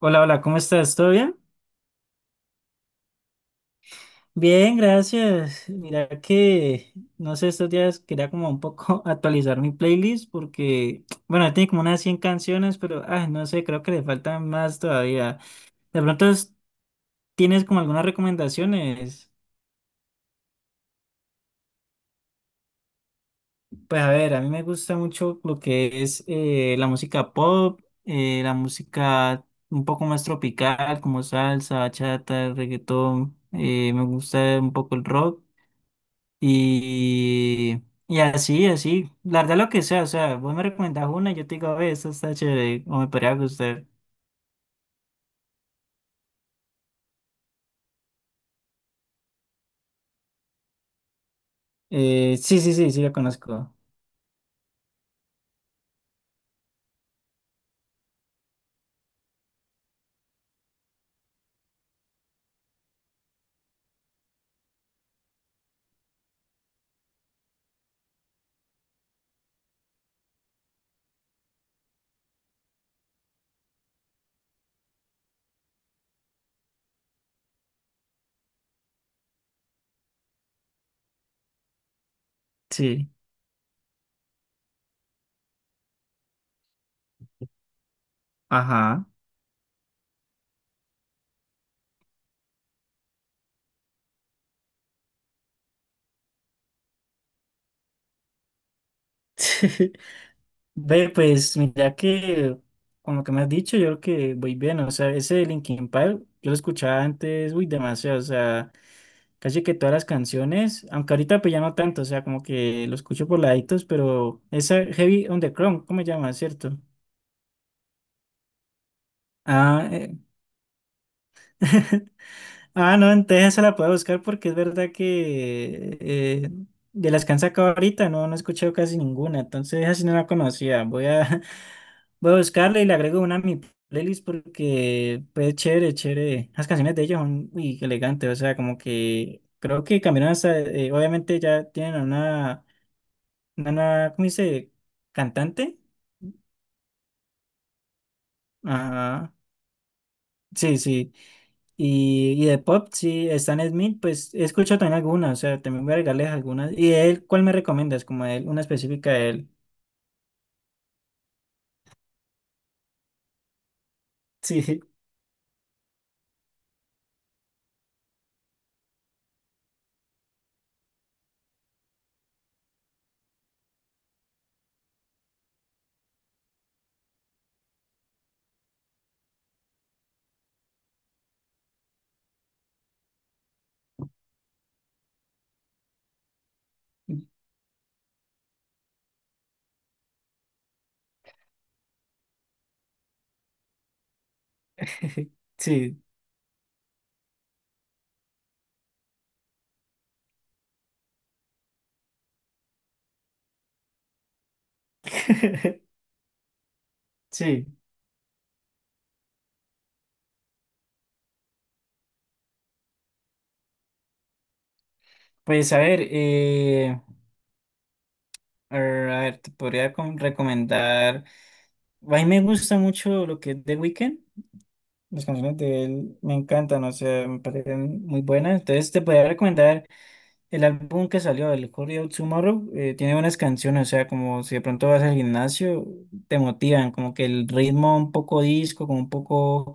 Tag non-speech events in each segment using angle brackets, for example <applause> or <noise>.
Hola, hola, ¿cómo estás? ¿Todo bien? Bien, gracias. Mira que, no sé, estos días quería como un poco <laughs> actualizar mi playlist porque, bueno, tiene como unas 100 canciones, pero, no sé, creo que le faltan más todavía. De pronto, ¿tienes como algunas recomendaciones? Pues a ver, a mí me gusta mucho lo que es la música pop, la música un poco más tropical, como salsa, bachata, reggaetón. Me gusta un poco el rock. Y así, así, la verdad lo que sea, o sea, vos me recomendás una y yo te digo, ve, esta está chévere, o me podría gustar. Sí, sí, sí, sí, la conozco. Sí, ajá. <laughs> Ve, pues mira que con lo que me has dicho, yo creo que voy bien, o sea, ese de Linkin Park, yo lo escuchaba antes, uy, demasiado, o sea, casi que todas las canciones, aunque ahorita pues ya no tanto, o sea, como que lo escucho por laditos, pero esa Heavy on the Chrome, ¿cómo se llama, cierto? Ah, eh, <laughs> Ah, no, entonces se la puedo buscar porque es verdad que de las que han sacado ahorita no, no he escuchado casi ninguna, entonces así no la conocía. Voy a, <laughs> voy a buscarla y le agrego una a mi playlist porque pues chévere, chévere. Las canciones de ellos son muy elegantes, o sea, como que creo que cambiaron hasta, obviamente ya tienen una nueva, ¿cómo dice? Cantante. Ajá. Sí, sí. Y de pop, sí, Stan Smith, pues he escuchado también algunas, o sea, también voy a regalarles algunas. ¿Y de él, cuál me recomiendas? Como de él, una específica de él. Sí, <laughs> sí, <laughs> sí. Pues a ver, te podría recomendar. A mí me gusta mucho lo que es The Weeknd. Las canciones de él me encantan, o sea, me parecen muy buenas. Entonces te podría recomendar. El álbum que salió, el Hurry Up Tomorrow, tiene buenas canciones, o sea, como si de pronto vas al gimnasio, te motivan, como que el ritmo un poco disco, como un poco,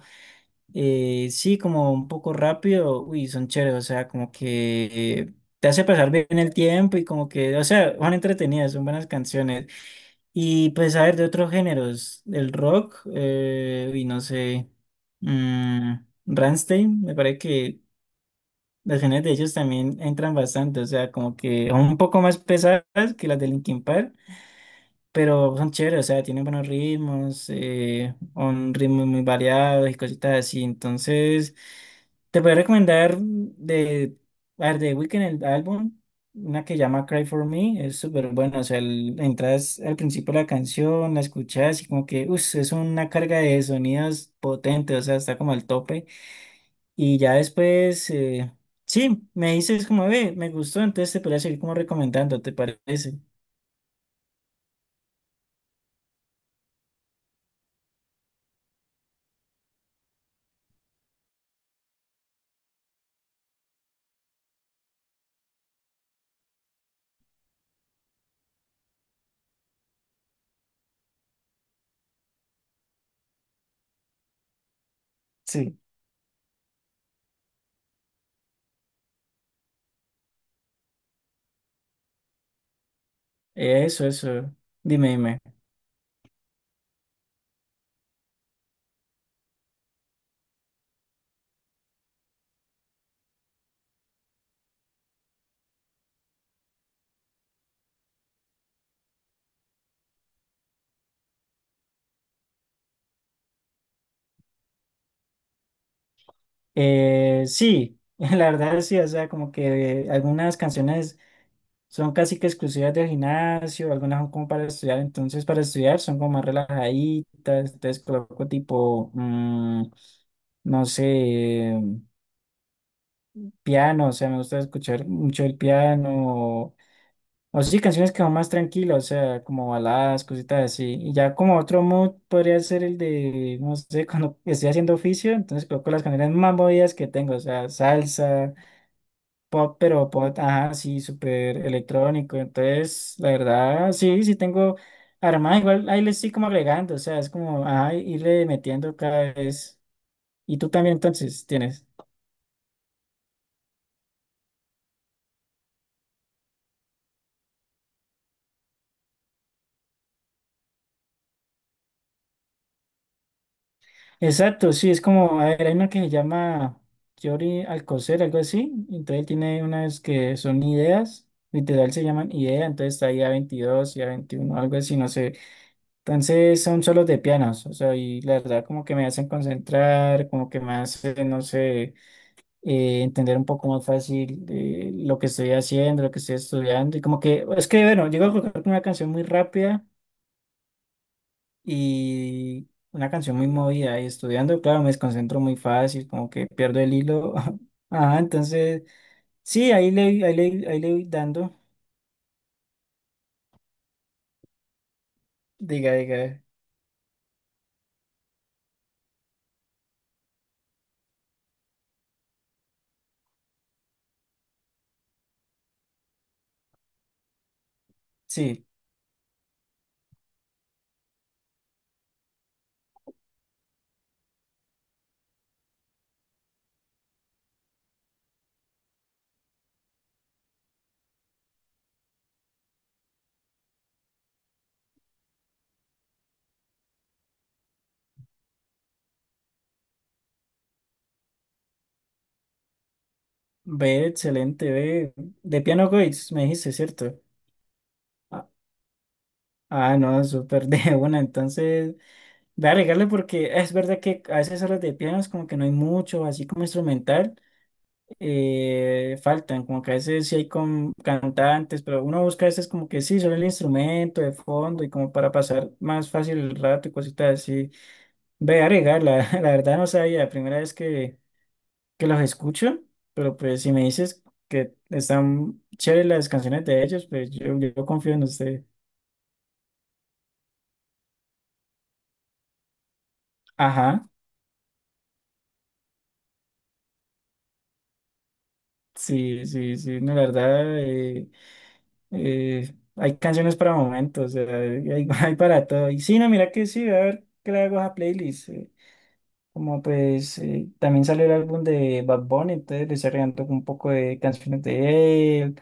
sí, como un poco rápido, uy, son chéveres, o sea, como que eh, te hace pasar bien el tiempo y como que, o sea, son entretenidas, son buenas canciones. Y pues, a ver, de otros géneros, el rock, y no sé, mm, Rammstein, me parece que las canciones de ellos también entran bastante, o sea, como que son un poco más pesadas que las de Linkin Park, pero son chéveres, o sea, tienen buenos ritmos, un ritmo muy variado y cositas así. Entonces, te voy a recomendar de, a ver, de Weeknd el álbum, una que llama Cry For Me, es súper bueno, o sea, entras al principio de la canción, la escuchas y como que, uff, es una carga de sonidos potente, o sea, está como al tope. Y ya después, sí, me dices como, ve, me gustó, entonces te podría seguir como recomendando, ¿te parece? Sí. Eso, eso. Dime, dime. Sí, <laughs> la verdad sí, o sea, como que algunas canciones son casi que exclusivas del gimnasio, algunas son como para estudiar, entonces para estudiar son como más relajaditas, entonces coloco tipo, no sé, piano, o sea, me gusta escuchar mucho el piano. O sí, canciones que son más tranquilas, o sea, como baladas, cositas así. Y ya como otro mood podría ser el de, no sé, <laughs> cuando estoy haciendo oficio, entonces coloco las canciones más movidas que tengo, o sea, salsa, pop, pero pop, ajá, sí, súper electrónico. Entonces, la verdad, sí, sí tengo armada, igual ahí le estoy como agregando, o sea, es como, ajá, irle metiendo cada vez. Y tú también entonces tienes. Exacto, sí, es como, a ver, hay una que se llama Yori Alcocer, algo así. Entonces él tiene unas que son ideas, literal se llaman idea, entonces está ahí a 22 y a 21, algo así, no sé. Entonces son solos de pianos, o sea, y la verdad como que me hacen concentrar, como que me hacen, no sé, entender un poco más fácil lo que estoy haciendo, lo que estoy estudiando. Y como que, es que, bueno, llego a colocar una canción muy rápida y una canción muy movida y estudiando, claro, me desconcentro muy fácil, como que pierdo el hilo. <laughs> Ajá, entonces, sí, ahí le, ahí le, ahí le voy dando. Diga, diga, sí, ve, excelente, ve. De Piano Goiz, me dijiste, ¿cierto? Ah, no, súper de <laughs> una, entonces, voy a regarle porque es verdad que a veces horas de piano es como que no hay mucho, así como instrumental. Faltan, como que a veces sí hay con cantantes, pero uno busca a veces como que sí, solo el instrumento de fondo y como para pasar más fácil el rato y cositas así. Ve a agregar, la, <laughs> la verdad no sabía, la primera vez que los escucho, pero pues si me dices que están chéveres las canciones de ellos, pues yo confío en usted. Ajá, sí, sí, sí, no, la verdad, hay canciones para momentos, o sea, hay, <laughs> hay para todo. Y sí, no, mira que sí, a ver qué le hago a esa playlist. Como pues también salió el álbum de Bad Bunny, entonces le estoy regando un poco de canciones de él,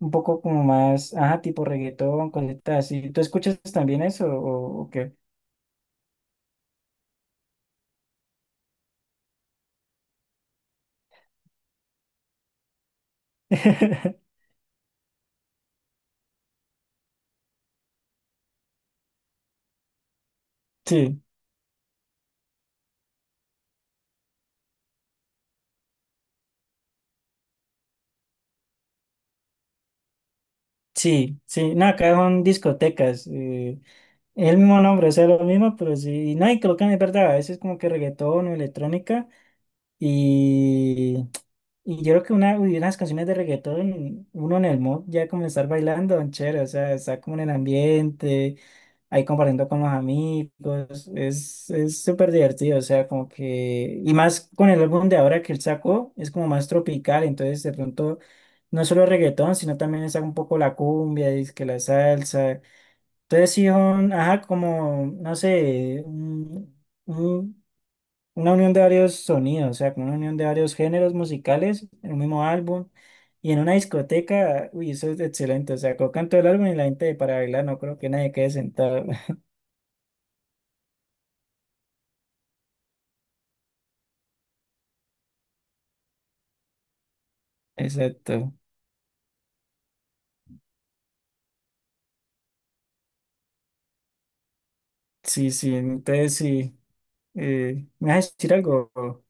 un poco como más, ajá, tipo reggaetón, cositas así. ¿Tú escuchas también eso o qué? <laughs> Sí, sí, sí. No, acá son discotecas. Es el mismo nombre, o sea, lo mismo, pero sí. No, y creo que es verdad, a veces como que reggaetón o electrónica. Y, y yo creo que una, uy, unas canciones de reggaetón, uno en el mod ya como estar bailando, don chévere, o sea, está como en el ambiente. Ahí compartiendo con los amigos, es súper divertido, o sea, como que, y más con el álbum de ahora que él sacó, es como más tropical, entonces de pronto no solo reggaetón, sino también saca un poco la cumbia, y que la salsa, entonces sí, ajá, como, no sé, un- una unión de varios sonidos, o sea, como una unión de varios géneros musicales en un mismo álbum. Y en una discoteca, uy, eso es excelente, o sea, colocan todo el álbum y la gente para bailar, no creo que nadie quede sentado. Exacto. Sí, sí, entonces sí. ¿Me vas a decir algo?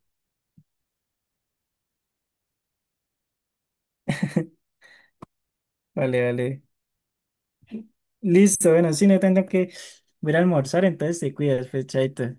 <laughs> Vale, vale. Listo, bueno, sí, no tengo que ir a almorzar, entonces te cuidas, pues, chaito.